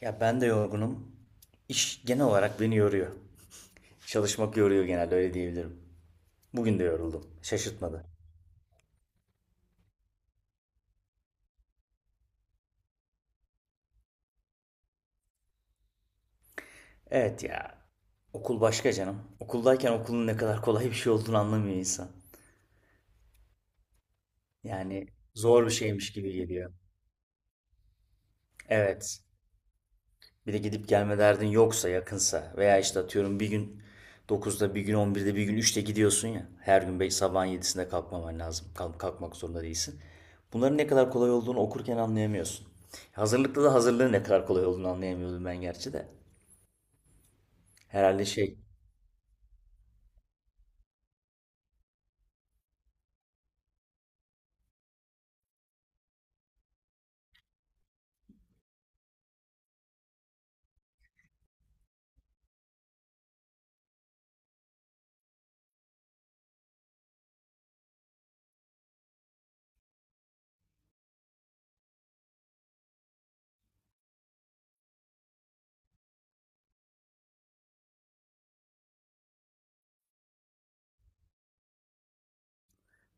Ya ben de yorgunum. İş genel olarak beni yoruyor. Çalışmak yoruyor, genelde öyle diyebilirim. Bugün de yoruldum. Şaşırtmadı. Evet ya. Okul başka canım. Okuldayken okulun ne kadar kolay bir şey olduğunu anlamıyor insan. Yani zor bir şeymiş gibi geliyor. Evet. Bir de gidip gelme derdin yoksa, yakınsa veya işte atıyorum bir gün 9'da, bir gün 11'de, bir gün 3'te gidiyorsun ya. Her gün belki sabahın 7'sinde kalkmaman lazım. Kalkmak zorunda değilsin. Bunların ne kadar kolay olduğunu okurken anlayamıyorsun. Hazırlıkta da hazırlığın ne kadar kolay olduğunu anlayamıyordum ben gerçi de. Herhalde şey,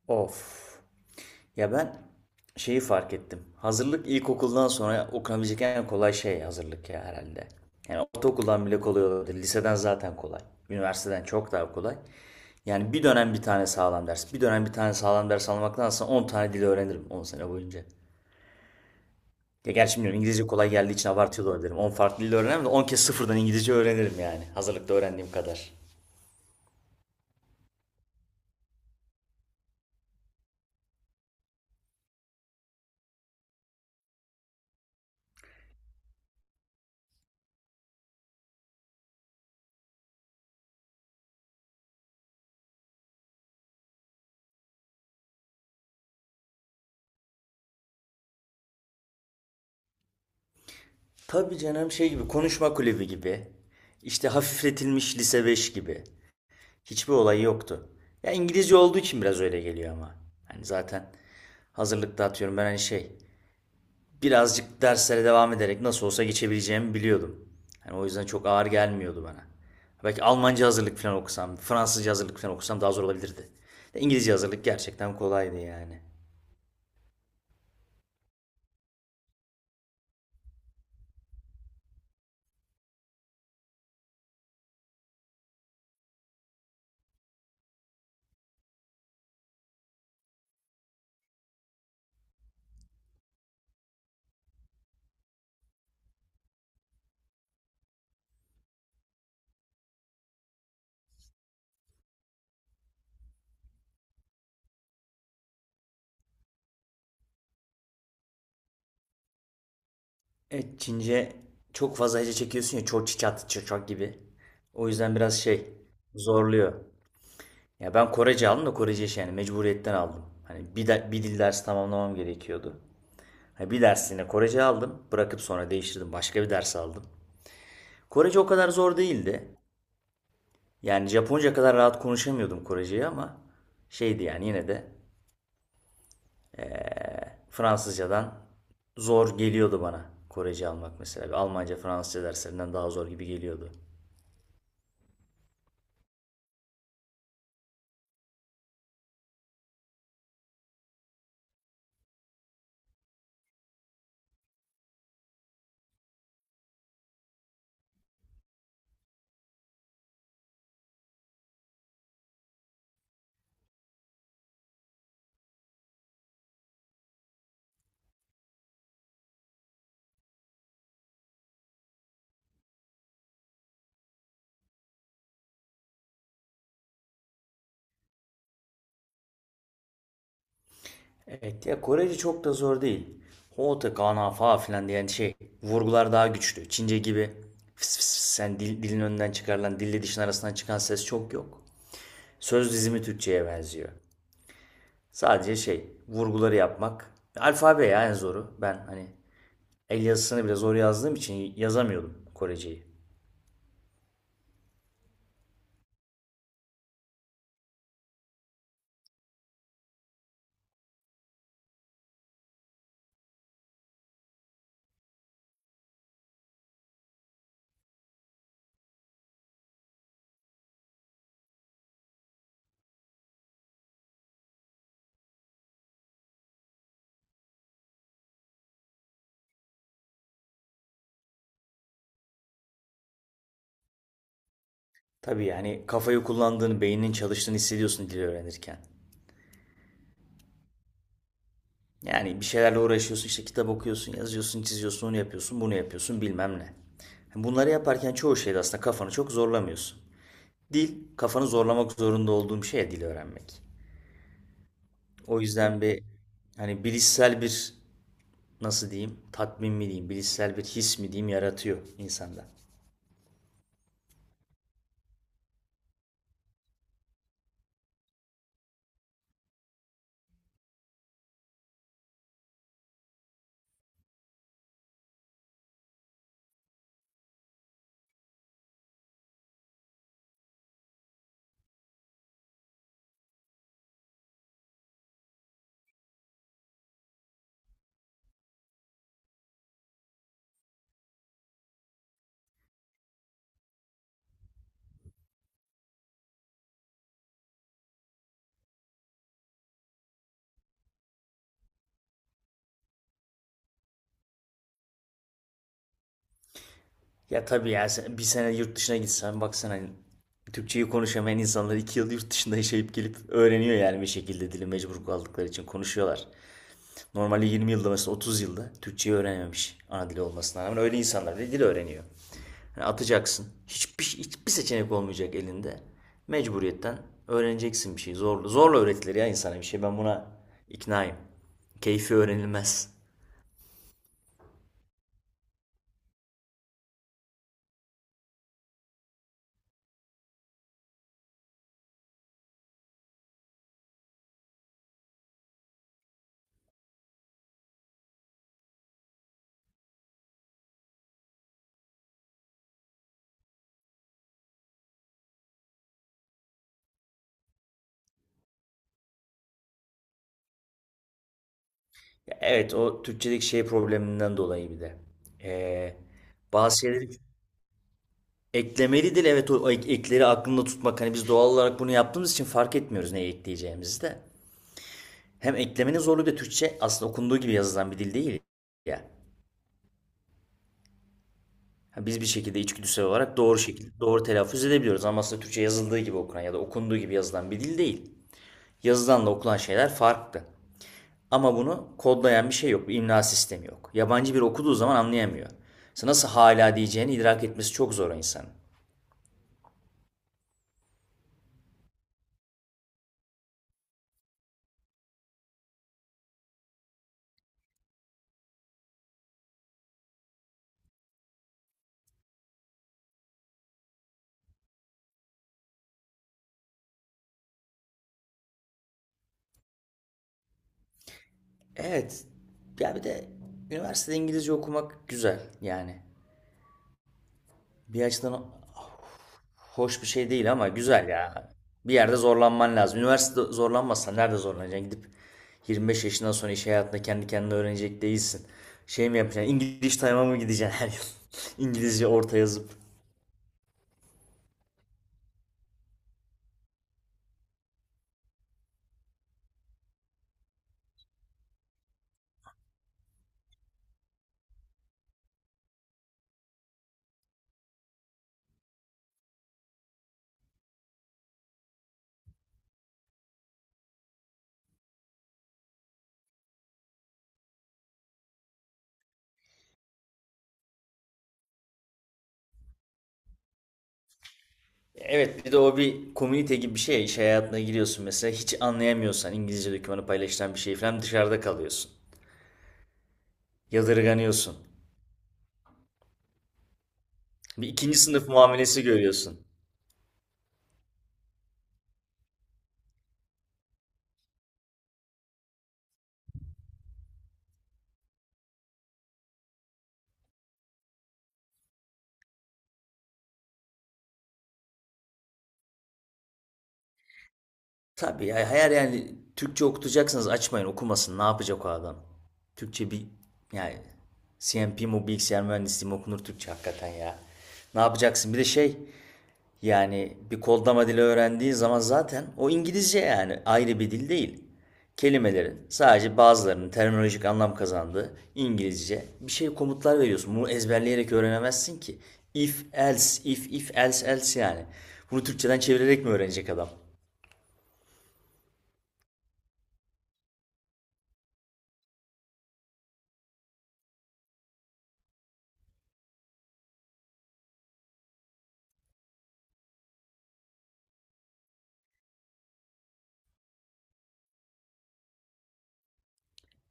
of. Ya ben şeyi fark ettim. Hazırlık ilkokuldan sonra okunabilecek en kolay şey hazırlık ya herhalde. Yani ortaokuldan bile kolay olabilir. Liseden zaten kolay. Üniversiteden çok daha kolay. Yani bir dönem bir tane sağlam ders. Bir dönem bir tane sağlam ders almaktansa 10 tane dil öğrenirim 10 sene boyunca. Ya gerçi bilmiyorum, İngilizce kolay geldiği için abartıyor da olabilirim. 10 farklı dil öğrenirim de 10 kez sıfırdan İngilizce öğrenirim yani. Hazırlıkta öğrendiğim kadar. Tabii canım, şey gibi, konuşma kulübü gibi. İşte hafifletilmiş lise 5 gibi. Hiçbir olayı yoktu. Ya İngilizce olduğu için biraz öyle geliyor ama. Hani zaten hazırlıkta atıyorum ben hani şey, birazcık derslere devam ederek nasıl olsa geçebileceğimi biliyordum. Yani o yüzden çok ağır gelmiyordu bana. Belki Almanca hazırlık falan okusam, Fransızca hazırlık falan okusam daha zor olabilirdi. İngilizce hazırlık gerçekten kolaydı yani. Evet, Çince çok fazla hece çekiyorsun ya, çok çiçat çiçak gibi. O yüzden biraz şey, zorluyor. Ya ben Korece aldım da, Korece iş yani mecburiyetten aldım. Hani bir dil dersi tamamlamam gerekiyordu. Hani bir dersliğine Korece aldım. Bırakıp sonra değiştirdim. Başka bir ders aldım. Korece o kadar zor değildi. Yani Japonca kadar rahat konuşamıyordum Korece'yi ama şeydi yani, yine de Fransızcadan zor geliyordu bana Korece almak mesela. Bir Almanca, Fransızca derslerinden daha zor gibi geliyordu. Evet ya, Korece çok da zor değil. Hote, kana, fa filan diyen şey, vurgular daha güçlü. Çince gibi fıs fıs fıs yani dilin önünden çıkarılan dille dişin arasından çıkan ses çok yok. Söz dizimi Türkçe'ye benziyor. Sadece şey, vurguları yapmak. Alfabe ya en zoru. Ben hani el yazısını bile zor yazdığım için yazamıyordum Koreceyi. Tabii yani kafayı kullandığını, beyninin çalıştığını hissediyorsun dili öğrenirken. Yani bir şeylerle uğraşıyorsun, işte kitap okuyorsun, yazıyorsun, çiziyorsun, onu yapıyorsun, bunu yapıyorsun bilmem ne. Bunları yaparken çoğu şeyde aslında kafanı çok zorlamıyorsun. Dil, kafanı zorlamak zorunda olduğum şey, dil öğrenmek. O yüzden bir hani bilişsel bir, nasıl diyeyim, tatmin mi diyeyim, bilişsel bir his mi diyeyim, yaratıyor insanda. Ya tabii ya, bir sene yurt dışına gitsen baksana, hani Türkçeyi konuşamayan insanlar 2 yıl yurt dışında yaşayıp gelip öğreniyor yani, bir şekilde dili mecbur kaldıkları için konuşuyorlar. Normalde 20 yılda mesela, 30 yılda Türkçeyi öğrenememiş, ana dili olmasına rağmen öyle insanlar da dil öğreniyor. Yani atacaksın. Hiçbir seçenek olmayacak elinde. Mecburiyetten öğreneceksin bir şey. Zorla, zorla öğretilir ya insana bir şey. Ben buna iknaayım. Keyfi öğrenilmez. Evet, o Türkçedeki şey probleminden dolayı bir de. Ee, bazı şeyleri eklemelidir. Evet, o ekleri aklında tutmak. Hani biz doğal olarak bunu yaptığımız için fark etmiyoruz neyi ekleyeceğimizi de. Hem eklemenin zorluğu, bir de Türkçe aslında okunduğu gibi yazılan bir dil değil ya. Ha, biz bir şekilde içgüdüsel olarak doğru şekilde doğru telaffuz edebiliyoruz ama aslında Türkçe yazıldığı gibi okunan ya da okunduğu gibi yazılan bir dil değil. Yazılanla okunan şeyler farklı. Ama bunu kodlayan bir şey yok, bir imla sistemi yok. Yabancı biri okuduğu zaman anlayamıyor. Mesela nasıl hala diyeceğini idrak etmesi çok zor o insanın. Evet. Ya bir de üniversitede İngilizce okumak güzel yani. Bir açıdan hoş bir şey değil ama güzel ya. Bir yerde zorlanman lazım. Üniversite zorlanmazsan nerede zorlanacaksın? Gidip 25 yaşından sonra iş hayatında kendi kendine öğrenecek değilsin. Şey mi yapacaksın? İngiliz time'a mı gideceksin her yıl? İngilizce orta yazıp. Evet, bir de o bir komünite gibi bir şey ya. İş hayatına giriyorsun mesela. Hiç anlayamıyorsan İngilizce dokümanı, paylaşılan bir şey falan, dışarıda kalıyorsun. Yadırganıyorsun. Bir ikinci sınıf muamelesi görüyorsun. Tabii ya, eğer yani Türkçe okutacaksanız açmayın okumasın. Ne yapacak o adam? Türkçe bir yani, CMP mi, bilgisayar mühendisliği mi okunur Türkçe hakikaten ya. Ne yapacaksın? Bir de şey yani, bir kodlama dili öğrendiğin zaman zaten o İngilizce, yani ayrı bir dil değil. Kelimelerin sadece bazılarının terminolojik anlam kazandığı İngilizce bir şey, komutlar veriyorsun. Bunu ezberleyerek öğrenemezsin ki. If else, if if else else yani. Bunu Türkçeden çevirerek mi öğrenecek adam?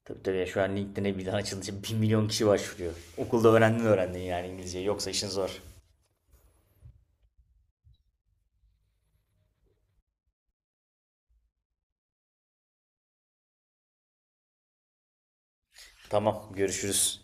Tabii tabii ya, şu an LinkedIn'e bir daha açılınca 1 milyon kişi başvuruyor. Okulda öğrendin öğrendin yani İngilizceyi, yoksa işin zor. Tamam, görüşürüz.